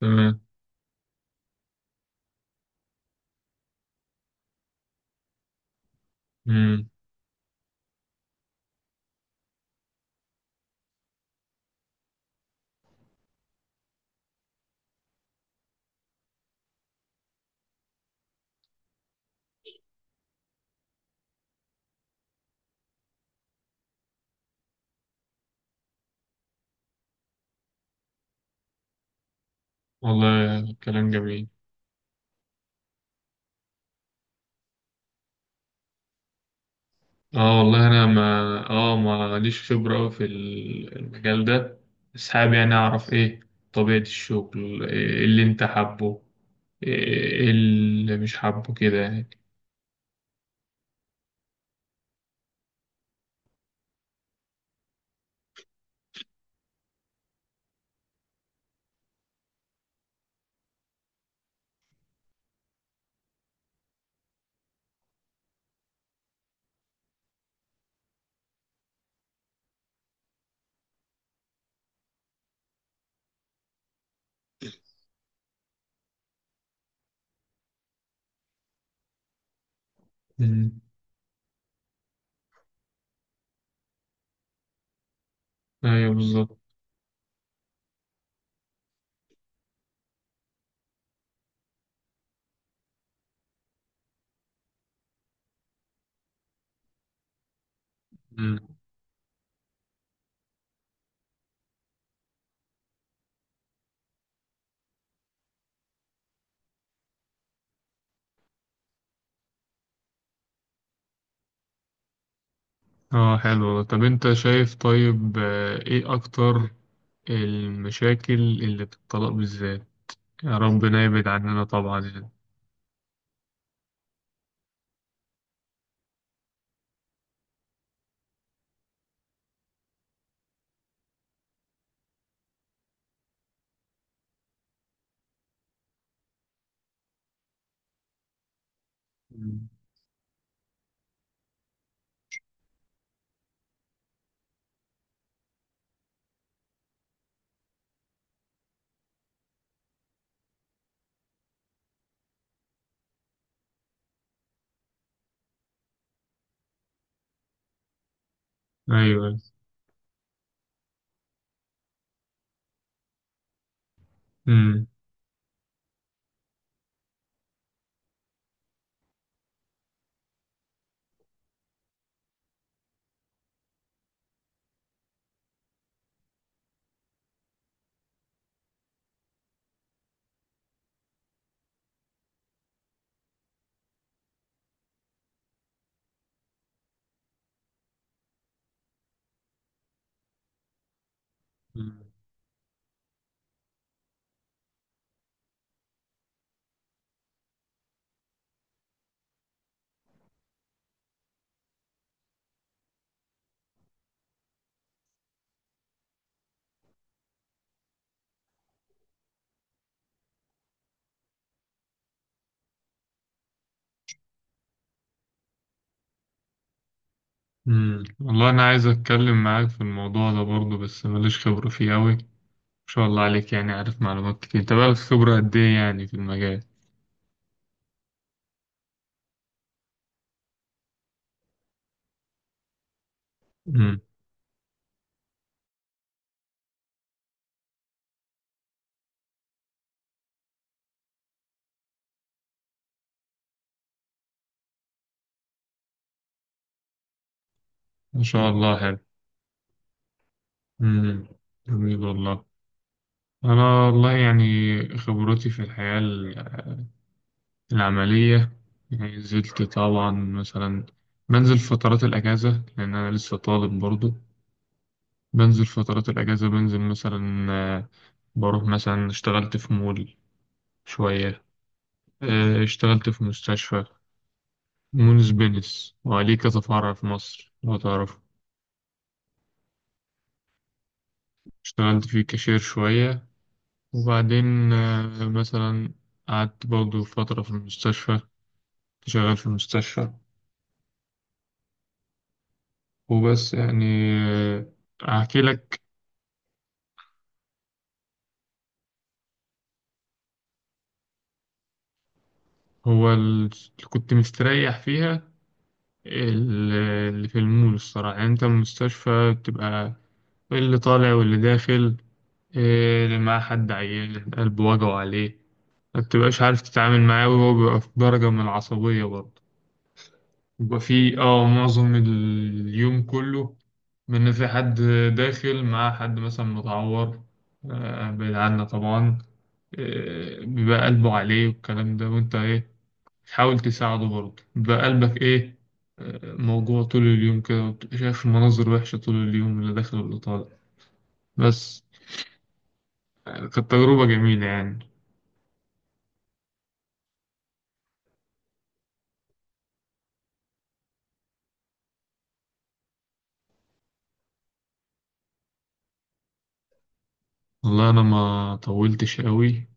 تمام. امم والله كلام جميل. اه والله انا ما ليش خبره أوي في المجال ده، بس حابب يعني اعرف ايه طبيعه الشغل، إيه اللي انت حابه، إيه إيه اللي مش حابه كده يعني. امم ايوه، بالظبط. امم اه، حلو. طب انت شايف، طيب، ايه اكتر المشاكل اللي في الطلاق بالذات؟ يا ربنا يبعد عننا طبعا يعني. مم. ايوه. مم. والله انا عايز اتكلم معاك في الموضوع ده برضه، بس ماليش خبرة فيه قوي، ما شاء الله عليك، يعني عارف معلومات كتير. انت بقالك خبرة قد ايه يعني في المجال؟ امم ما شاء الله، حلو. امم جميل والله. انا والله يعني خبرتي في الحياة العملية، يعني نزلت طبعا. مثلا بنزل فترات الاجازة، لان انا لسه طالب برضه. بنزل فترات الاجازة، بنزل مثلا، بروح مثلا، اشتغلت في مول شوية، اشتغلت في مستشفى. مونس بينس، وعليه كذا فرع في مصر لو تعرفه. اشتغلت فيه كاشير شوية، وبعدين مثلا قعدت برضه فترة في المستشفى، كنت شغال في المستشفى. وبس يعني. آه، أحكي لك، هو اللي كنت مستريح فيها ال- اللي في المول. الصراحة يعني أنت المستشفى بتبقى اللي طالع واللي داخل، اللي معاه حد عيان قلبه وجعه عليه، ما بتبقاش عارف تتعامل معاه، وهو بيبقى في درجة من العصبية برضه. بيبقى في معظم اليوم كله، من في حد داخل مع حد مثلا متعور، بعيد عنا طبعا، بيبقى قلبه عليه والكلام ده، وانت ايه تحاول تساعده برضه، بيبقى قلبك ايه موجوع طول اليوم كده، وبتبقى شايف مناظر وحشة طول اليوم، اللي داخل واللي طالع. بس يعني كانت تجربة جميلة يعني. والله أنا ما طولتش قوي،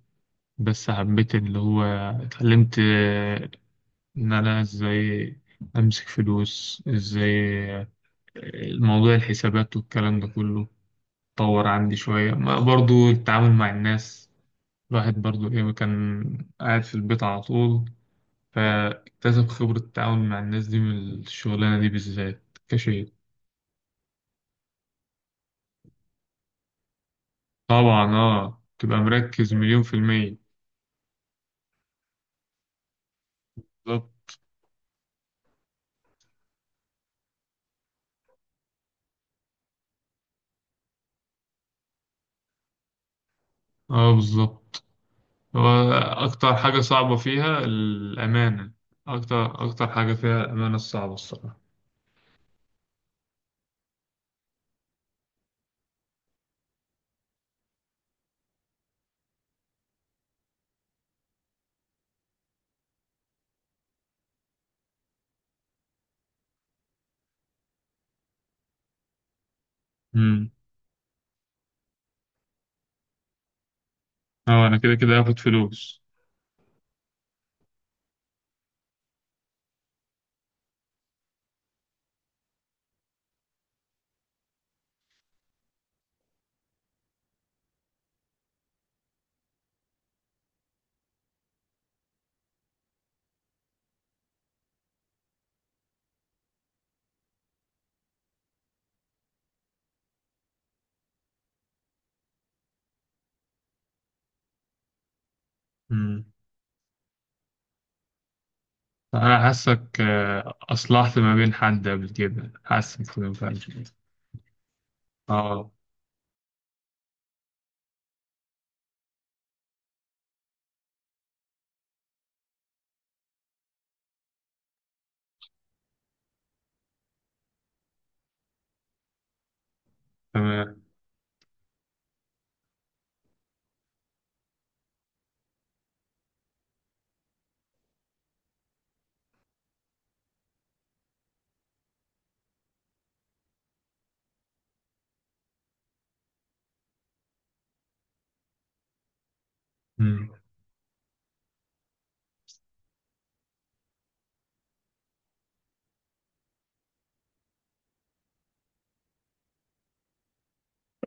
بس حبيت اللي هو اتعلمت، إن أنا إزاي أمسك فلوس إزاي، آه، الموضوع الحسابات والكلام ده كله اتطور عندي شوية، ما برضو التعامل مع الناس، الواحد برضو إيه كان قاعد في البيت على طول، فاكتسب خبرة التعامل مع الناس دي من الشغلانة دي بالذات كشيء. طبعا، تبقى مركز مليون في المية. بالظبط. اه بالظبط. هو أكتر حاجة صعبة فيها الأمانة، أكتر أكتر حاجة فيها الأمانة الصعبة، الصراحة. أمم أه، أنا كده كده هاخد فلوس. أمم أنا حاسك، أصلحت ما بين حد قبل كده، حاسك كده فعلا. أه، تمام. أمم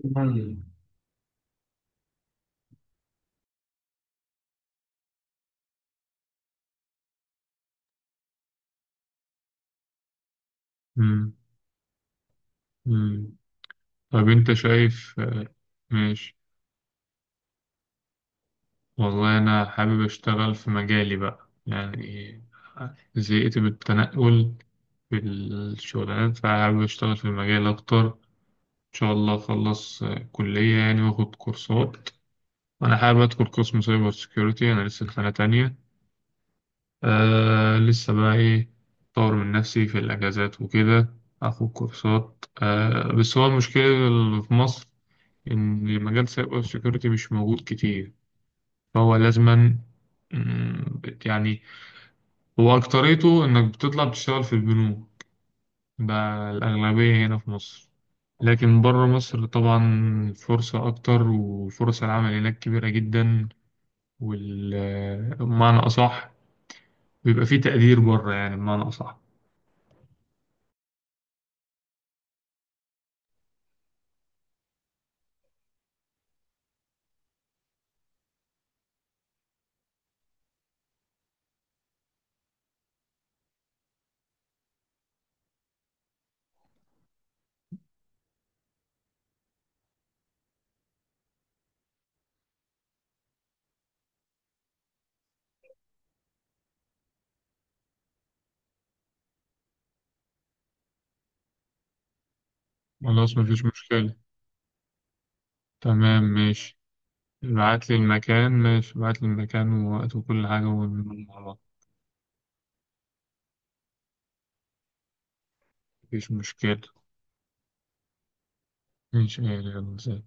مم. أمم أمم. طب أنت شايف. ماشي. والله أنا حابب أشتغل في مجالي بقى يعني، زهقت من التنقل في الشغلانات، فحابب أشتغل في المجال أكتر. إن شاء الله أخلص كلية يعني، وآخد كورسات. أنا حابب أدخل قسم سايبر سيكيورتي، أنا لسه في سنة تانية. آه، لسه بقى إيه، أطور من نفسي في الأجازات وكده، آخد كورسات. بس هو المشكلة اللي في مصر إن مجال سايبر سيكيورتي مش موجود كتير، فهو لازما. مم، يعني هو أكتريته إنك بتطلع تشتغل في البنوك، ده الأغلبية هنا في مصر. لكن بره مصر طبعا فرصة أكتر، وفرص العمل هناك كبيرة جدا، والمعنى أصح بيبقى فيه تقدير بره، يعني بمعنى أصح. خلاص، مفيش مشكلة. تمام، ماشي. ابعت لي المكان، ماشي، ابعت لي المكان ووقت وكل حاجة ونقول مع بعض. مفيش مشكلة. إن شاء الله، يلا، سلام.